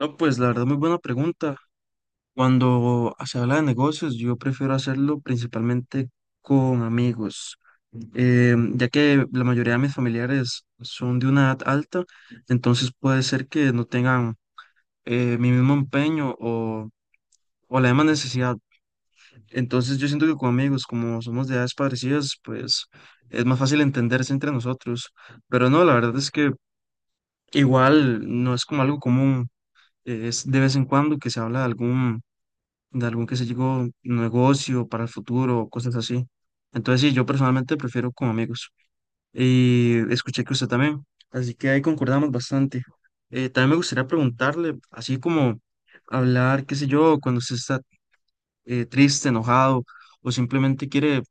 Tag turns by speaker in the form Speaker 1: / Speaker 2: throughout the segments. Speaker 1: No, pues la verdad, muy buena pregunta. Cuando se habla de negocios, yo prefiero hacerlo principalmente con amigos, ya que la mayoría de mis familiares son de una edad alta, entonces puede ser que no tengan mi mismo empeño o la misma necesidad. Entonces yo siento que con amigos, como somos de edades parecidas, pues es más fácil entenderse entre nosotros. Pero no, la verdad es que igual no es como algo común, es de vez en cuando que se habla de algún, que se llegó negocio para el futuro, cosas así. Entonces, sí, yo personalmente prefiero con amigos. Y escuché que usted también, así que ahí concordamos bastante. También me gustaría preguntarle, así como hablar, qué sé yo, cuando usted está triste, enojado o simplemente quiere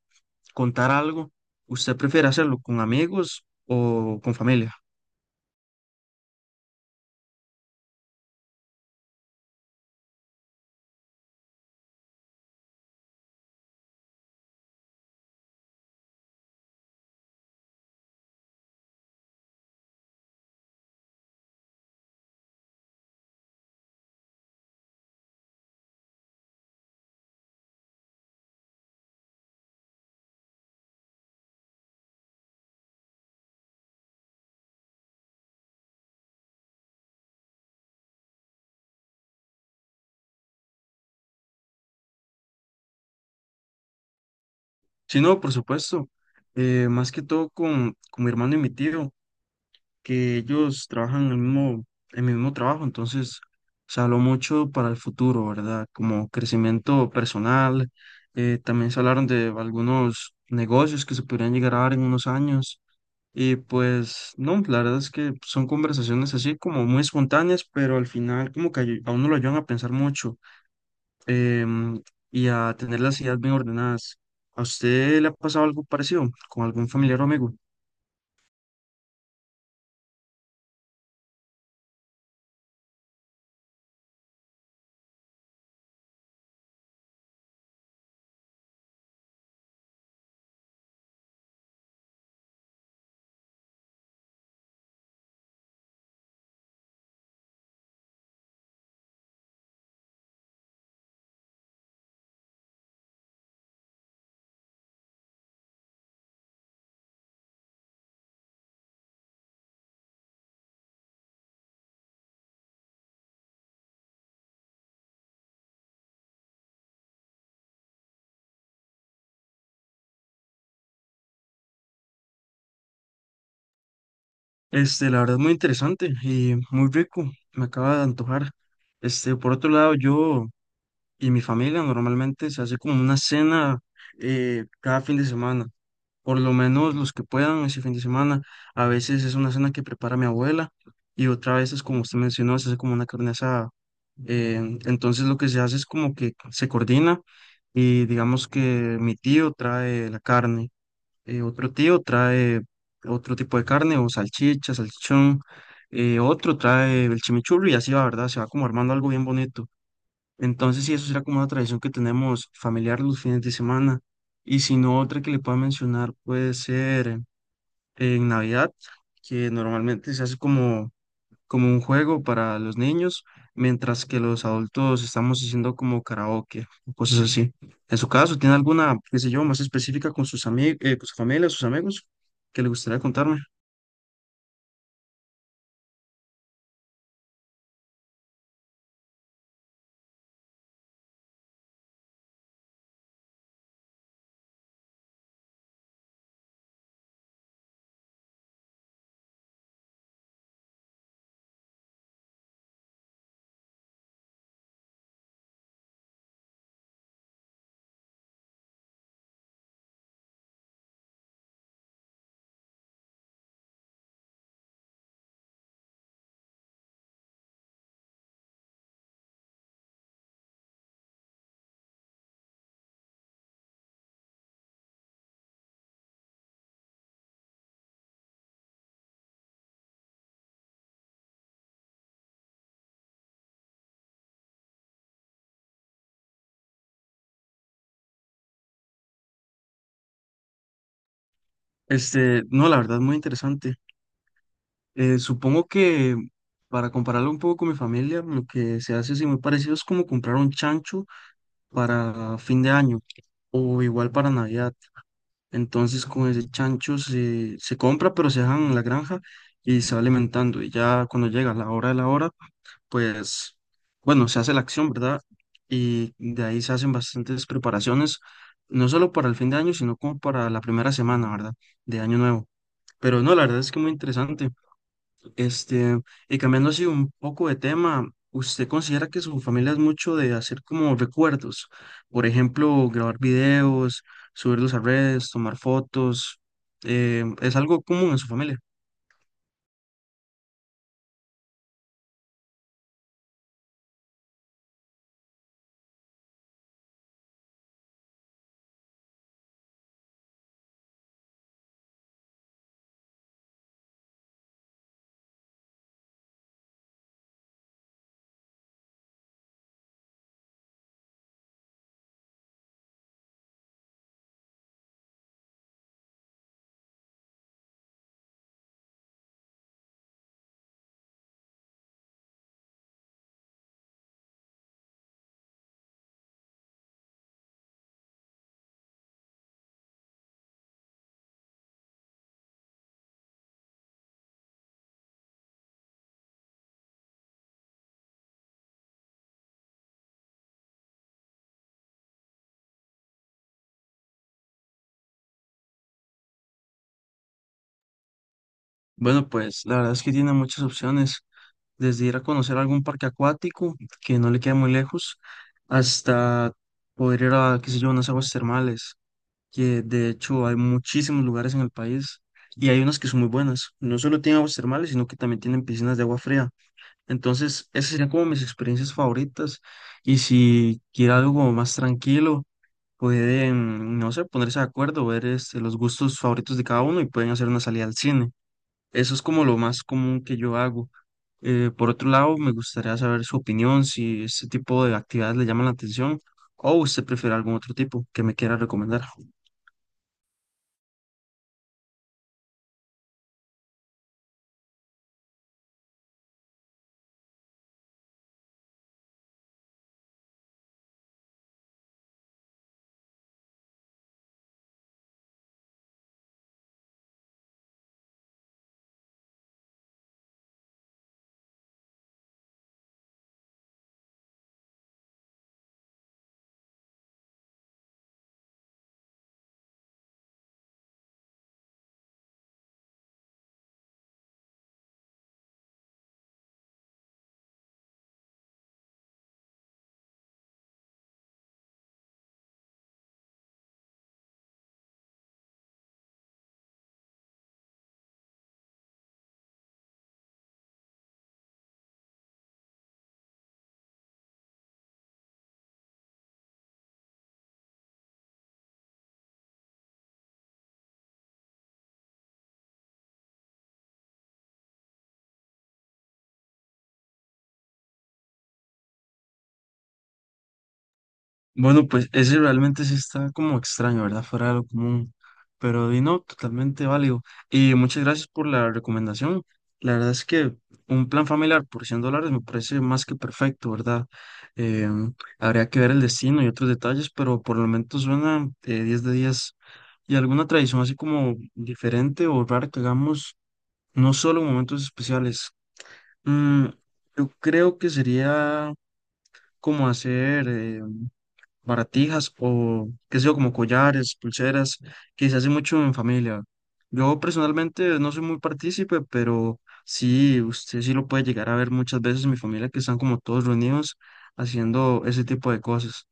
Speaker 1: contar algo, ¿usted prefiere hacerlo con amigos o con familia? Si no, por supuesto, más que todo con mi hermano y mi tío, que ellos trabajan en el mismo, en mi mismo trabajo, entonces se habló mucho para el futuro, ¿verdad? Como crecimiento personal, también se hablaron de algunos negocios que se podrían llegar a dar en unos años. Y pues no, la verdad es que son conversaciones así como muy espontáneas, pero al final como que a uno lo ayudan a pensar mucho, em, y a tener las ideas bien ordenadas. ¿A usted le ha pasado algo parecido con algún familiar o amigo? Este, la verdad, es muy interesante y muy rico, me acaba de antojar. Este, por otro lado, yo y mi familia normalmente se hace como una cena cada fin de semana, por lo menos los que puedan ese fin de semana. A veces es una cena que prepara mi abuela y otra vez es como usted mencionó, se hace como una carne asada. Eh, entonces lo que se hace es como que se coordina y digamos que mi tío trae la carne, otro tío trae otro tipo de carne o salchicha, salchichón, otro trae el chimichurri y así va, ¿verdad? Se va como armando algo bien bonito. Entonces, sí, eso será como una tradición que tenemos familiar los fines de semana. Y si no, otra que le pueda mencionar puede ser en Navidad, que normalmente se hace como un juego para los niños, mientras que los adultos estamos haciendo como karaoke, o cosas así. En su caso, ¿tiene alguna, qué sé yo, más específica con sus amigos, con su familia, sus amigos, que le gustaría contarme? Este, no, la verdad, muy interesante. Supongo que para compararlo un poco con mi familia, lo que se hace así muy parecido es como comprar un chancho para fin de año o igual para Navidad. Entonces con ese chancho se compra, pero se dejan en la granja y se va alimentando. Y ya cuando llega la hora de la hora, pues bueno, se hace la acción, ¿verdad? Y de ahí se hacen bastantes preparaciones, no solo para el fin de año, sino como para la primera semana, ¿verdad? De año nuevo. Pero no, la verdad es que muy interesante. Este, y cambiando así un poco de tema, ¿usted considera que su familia es mucho de hacer como recuerdos? Por ejemplo, grabar videos, subirlos a redes, tomar fotos. ¿ ¿Es algo común en su familia? Bueno, pues la verdad es que tiene muchas opciones, desde ir a conocer algún parque acuático que no le queda muy lejos, hasta poder ir a, qué sé yo, unas aguas termales, que de hecho hay muchísimos lugares en el país y hay unas que son muy buenas. No solo tienen aguas termales, sino que también tienen piscinas de agua fría. Entonces, esas serían como mis experiencias favoritas. Y si quiere algo como más tranquilo, pueden, no sé, ponerse de acuerdo, ver este, los gustos favoritos de cada uno y pueden hacer una salida al cine. Eso es como lo más común que yo hago. Por otro lado, me gustaría saber su opinión, si este tipo de actividades le llaman la atención o usted prefiere algún otro tipo que me quiera recomendar. Bueno, pues ese realmente sí está como extraño, ¿verdad? Fuera de lo común. Pero di no, totalmente válido. Y muchas gracias por la recomendación. La verdad es que un plan familiar por $100 me parece más que perfecto, ¿verdad? Em, Habría que ver el destino y otros detalles, pero por el momento suena 10 de 10. ¿Y alguna tradición así como diferente o rara que hagamos no solo en momentos especiales? Mm, yo creo que sería como hacer... baratijas o qué sé yo, como collares, pulseras, que se hace mucho en familia. Yo personalmente no soy muy partícipe, pero sí, usted sí lo puede llegar a ver muchas veces en mi familia que están como todos reunidos haciendo ese tipo de cosas,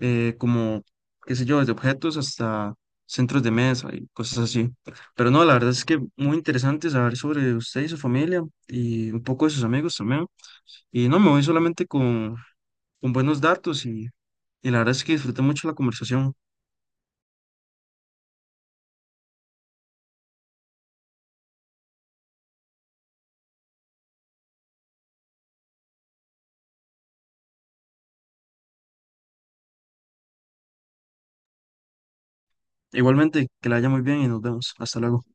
Speaker 1: eh, como, qué sé yo, desde objetos hasta centros de mesa y cosas así. Pero no, la verdad es que muy interesante saber sobre usted y su familia y un poco de sus amigos también. Y no, me voy solamente con buenos datos y la verdad es que disfruté mucho la conversación. Igualmente, que la haya muy bien y nos vemos. Hasta luego.